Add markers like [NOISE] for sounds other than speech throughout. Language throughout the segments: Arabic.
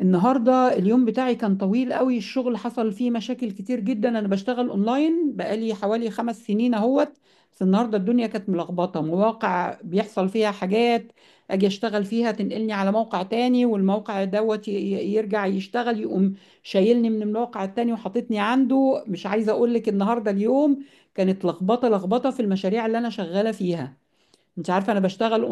النهارده اليوم بتاعي كان طويل قوي. الشغل حصل فيه مشاكل كتير جدا. انا بشتغل اونلاين بقالي حوالي 5 سنين اهوت. بس النهارده الدنيا كانت ملخبطه، مواقع بيحصل فيها حاجات اجي اشتغل فيها تنقلني على موقع تاني، والموقع دوت يرجع يشتغل، يقوم شايلني من الموقع التاني وحاططني عنده. مش عايزه اقول لك النهارده اليوم كانت لخبطه لخبطه في المشاريع اللي انا شغاله فيها. انت عارفه انا بشتغل.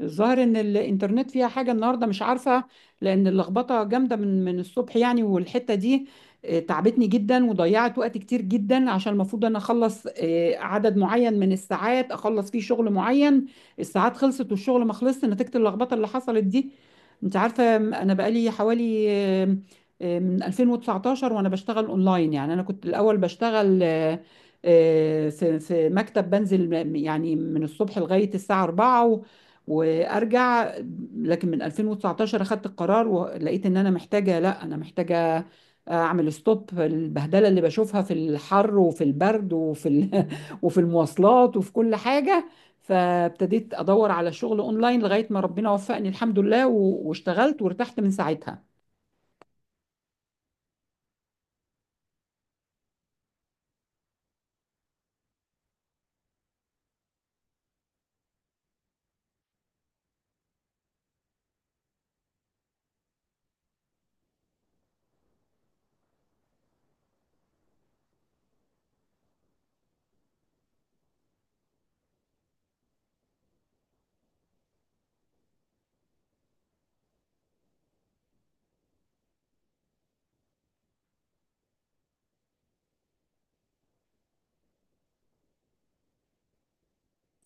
الظاهر ان الانترنت فيها حاجه النهارده، مش عارفه، لان اللخبطه جامده من الصبح يعني، والحته دي تعبتني جدا وضيعت وقت كتير جدا، عشان المفروض انا اخلص عدد معين من الساعات اخلص فيه شغل معين. الساعات خلصت والشغل ما خلصش نتيجه اللخبطه اللي حصلت دي. انت عارفه، انا بقالي حوالي من 2019 وانا بشتغل اونلاين. يعني انا كنت الاول بشتغل في مكتب، بنزل يعني من الصبح لغايه الساعه 4 وارجع. لكن من 2019 اخدت القرار ولقيت ان انا محتاجه، لا، انا محتاجه اعمل ستوب البهدله اللي بشوفها في الحر وفي البرد وفي [LAUGHS] وفي المواصلات وفي كل حاجه. فابتديت ادور على شغل اونلاين لغايه ما ربنا وفقني، الحمد لله، واشتغلت وارتحت من ساعتها.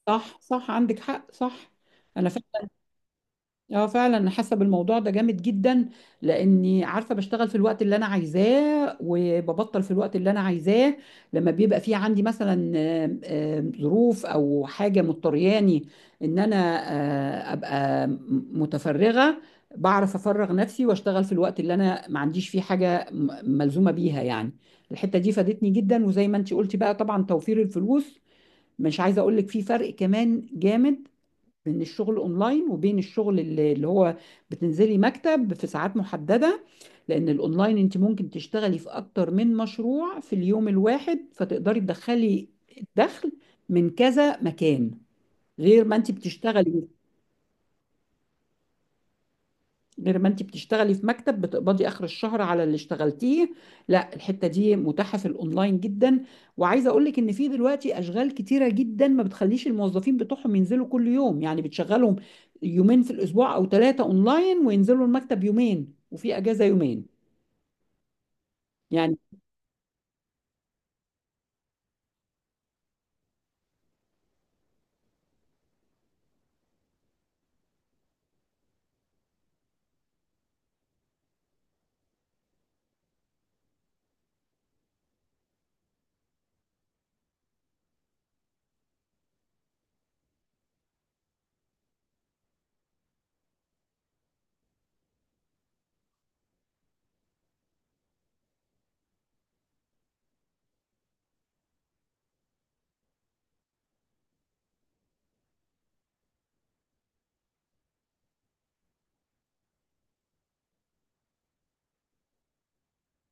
صح، صح، عندك حق، صح. انا فعلا، اه فعلا انا حاسه بالموضوع ده جامد جدا، لاني عارفه بشتغل في الوقت اللي انا عايزاه وببطل في الوقت اللي انا عايزاه. لما بيبقى في عندي مثلا ظروف او حاجه مضطرياني ان انا ابقى متفرغه، بعرف افرغ نفسي واشتغل في الوقت اللي انا ما عنديش فيه حاجه ملزومه بيها يعني. الحته دي فادتني جدا. وزي ما انت قلتي بقى، طبعا توفير الفلوس، مش عايزه اقول لك في فرق كمان جامد بين الشغل اونلاين وبين الشغل اللي هو بتنزلي مكتب في ساعات محددة. لان الاونلاين انت ممكن تشتغلي في اكتر من مشروع في اليوم الواحد، فتقدري تدخلي الدخل من كذا مكان غير ما انت بتشتغلي. غير ما انت بتشتغلي في مكتب بتقبضي اخر الشهر على اللي اشتغلتيه، لا، الحته دي متاحه في الاونلاين جدا. وعايزه اقول لك ان في دلوقتي اشغال كتيره جدا ما بتخليش الموظفين بتوعهم ينزلوا كل يوم، يعني بتشغلهم يومين في الاسبوع او ثلاثه اونلاين، وينزلوا المكتب يومين، وفي اجازه يومين يعني.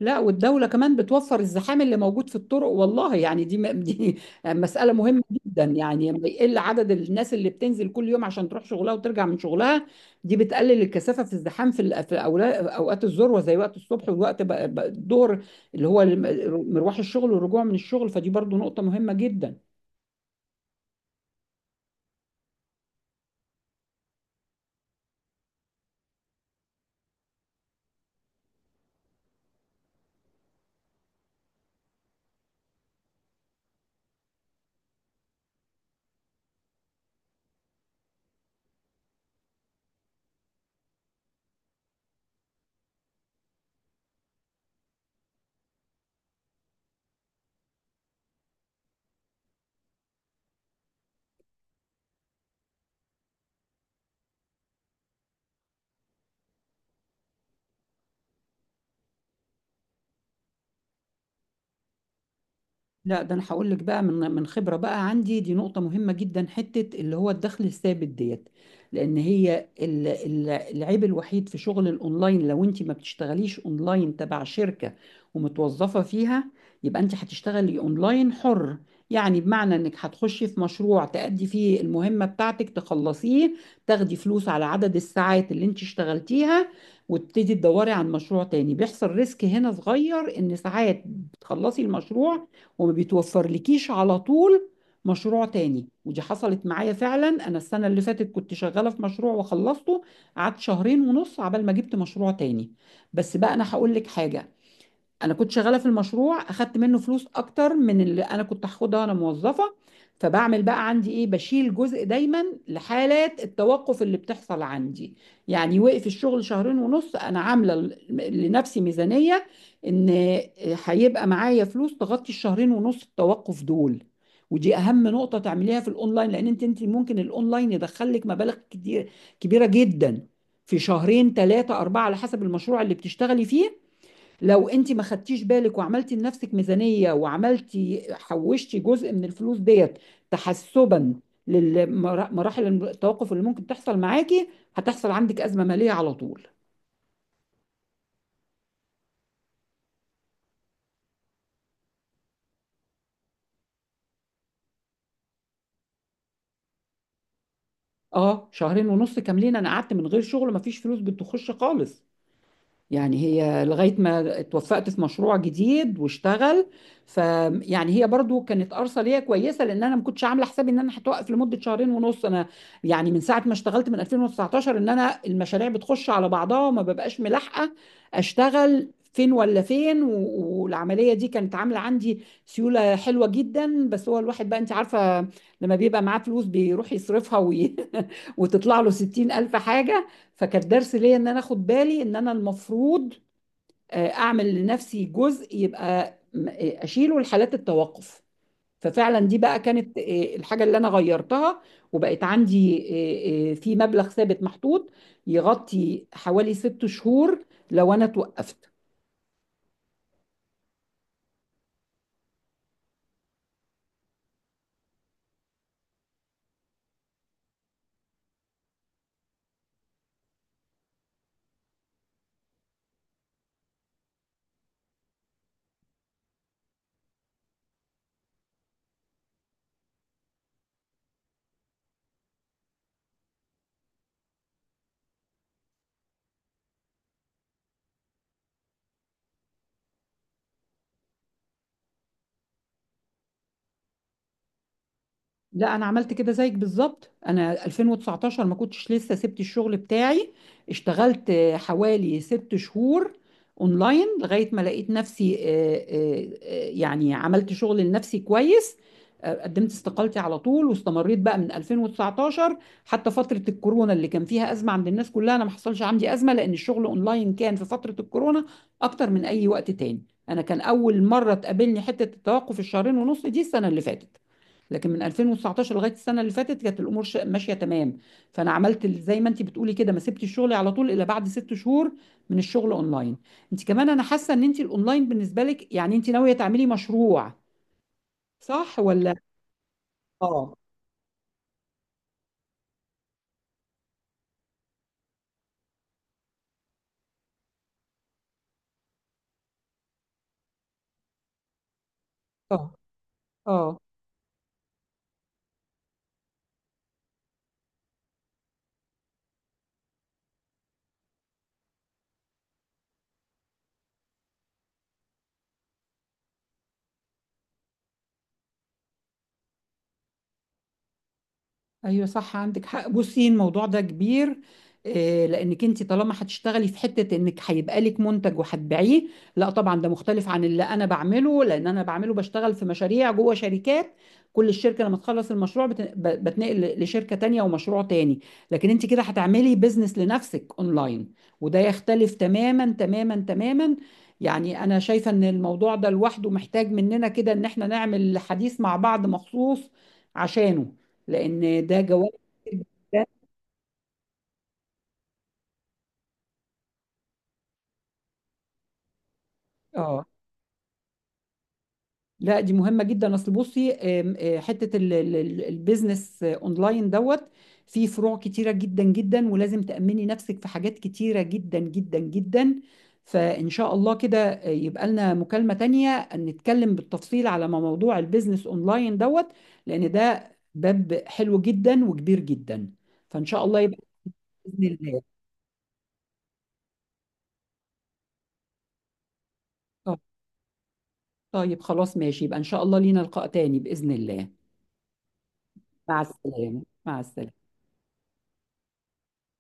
لا، والدولة كمان بتوفر الزحام اللي موجود في الطرق، والله يعني دي دي [LAUGHS] مسألة مهمة جدا. يعني لما يقل عدد الناس اللي بتنزل كل يوم عشان تروح شغلها وترجع من شغلها، دي بتقلل الكثافة في الزحام، في أوقات الذروة زي وقت الصبح والوقت بقى الظهر اللي هو مروح الشغل والرجوع من الشغل، فدي برضو نقطة مهمة جدا. لا، ده انا هقول لك بقى من خبره بقى عندي، دي نقطه مهمه جدا، حته اللي هو الدخل الثابت ديت. لان هي العيب الوحيد في شغل الاونلاين، لو انت ما بتشتغليش اونلاين تبع شركه ومتوظفه فيها، يبقى انت هتشتغلي اونلاين حر. يعني بمعنى انك هتخشي في مشروع تأدي فيه المهمه بتاعتك، تخلصيه، تاخدي فلوس على عدد الساعات اللي انت اشتغلتيها، وتبتدي تدوري عن مشروع تاني. بيحصل ريسك هنا صغير، ان ساعات بتخلصي المشروع وما بيتوفرلكيش على طول مشروع تاني. ودي حصلت معايا فعلا. انا السنه اللي فاتت كنت شغاله في مشروع وخلصته، قعدت شهرين ونص عبال ما جبت مشروع تاني. بس بقى انا هقول لك حاجه، انا كنت شغاله في المشروع اخدت منه فلوس اكتر من اللي انا كنت هاخدها وانا موظفه. فبعمل بقى عندي ايه، بشيل جزء دايما لحالات التوقف اللي بتحصل عندي. يعني وقف الشغل شهرين ونص، انا عامله لنفسي ميزانيه ان هيبقى معايا فلوس تغطي الشهرين ونص التوقف دول. ودي اهم نقطه تعمليها في الاونلاين، لان انت ممكن الاونلاين يدخلك مبالغ كتير كبيره جدا في شهرين ثلاثه اربعه على حسب المشروع اللي بتشتغلي فيه. لو انت ما خدتيش بالك وعملتي لنفسك ميزانية وعملتي، حوشتي جزء من الفلوس ديت تحسبا لمراحل التوقف اللي ممكن تحصل معاكي، هتحصل عندك أزمة مالية على طول. اه، شهرين ونص كاملين انا قعدت من غير شغل، مفيش فلوس بتخش خالص يعني، هي لغاية ما اتوفقت في مشروع جديد واشتغل فيعني هي برضو كانت أرصة ليا كويسة، لأن أنا ما كنتش عاملة حسابي إن أنا هتوقف لمدة شهرين ونص. أنا يعني من ساعة ما اشتغلت من 2019 إن أنا المشاريع بتخش على بعضها وما ببقاش ملاحقة أشتغل فين ولا فين، والعملية دي كانت عاملة عندي سيولة حلوة جدا. بس هو الواحد بقى أنت عارفة لما بيبقى معاه فلوس بيروح يصرفها [LAUGHS] وتطلع له 60,000 حاجة. فكان درس ليا ان انا اخد بالي ان انا المفروض اعمل لنفسي جزء يبقى اشيله لحالات التوقف. ففعلا دي بقى كانت الحاجة اللي انا غيرتها، وبقت عندي في مبلغ ثابت محطوط يغطي حوالي 6 شهور لو انا توقفت. لا، انا عملت كده زيك بالظبط. انا 2019 ما كنتش لسه سبت الشغل بتاعي، اشتغلت حوالي 6 شهور اونلاين لغايه ما لقيت نفسي يعني عملت شغل لنفسي كويس. قدمت استقالتي على طول واستمريت بقى من 2019 حتى فتره الكورونا اللي كان فيها ازمه عند الناس كلها انا ما حصلش عندي ازمه، لان الشغل اونلاين كان في فتره الكورونا اكتر من اي وقت تاني. انا كان اول مره تقابلني حته التوقف الشهرين ونص دي السنه اللي فاتت. لكن من 2019 لغايه السنه اللي فاتت كانت الامور ماشيه تمام. فانا عملت زي ما انت بتقولي كده، ما سبتش شغلي على طول الا بعد 6 شهور من الشغل اونلاين. انت كمان انا حاسه ان انت الاونلاين بالنسبه لك يعني انت ناويه تعملي مشروع، صح ولا؟ اه، اه، اه، ايوه، صح، عندك حق. بصي الموضوع ده كبير، لانك انت طالما هتشتغلي في حته انك هيبقى لك منتج وهتبيعيه. لا طبعا ده مختلف عن اللي انا بعمله، لان انا بعمله بشتغل في مشاريع جوه شركات. كل الشركه لما تخلص المشروع بتنقل لشركه تانية ومشروع تاني. لكن انت كده هتعملي بيزنس لنفسك اونلاين، وده يختلف تماما تماما تماما. يعني انا شايفه ان الموضوع ده لوحده محتاج مننا كده ان احنا نعمل حديث مع بعض مخصوص عشانه، لان ده جوانب كتير جداً. اه، لا، دي مهمه جدا. اصل بصي، آم، آه، حته البيزنس اونلاين دوت، فيه فروع كتيره جدا جدا، ولازم تامني نفسك في حاجات كتيره جدا جدا جدا. فان شاء الله كده يبقى لنا مكالمه تانية نتكلم بالتفصيل على موضوع البيزنس اونلاين دوت، لان ده باب حلو جدا وكبير جدا. فان شاء الله يبقى، باذن الله. آه، طيب، خلاص ماشي، يبقى ان شاء الله لينا لقاء تاني باذن الله. مع السلامة، مع السلامة.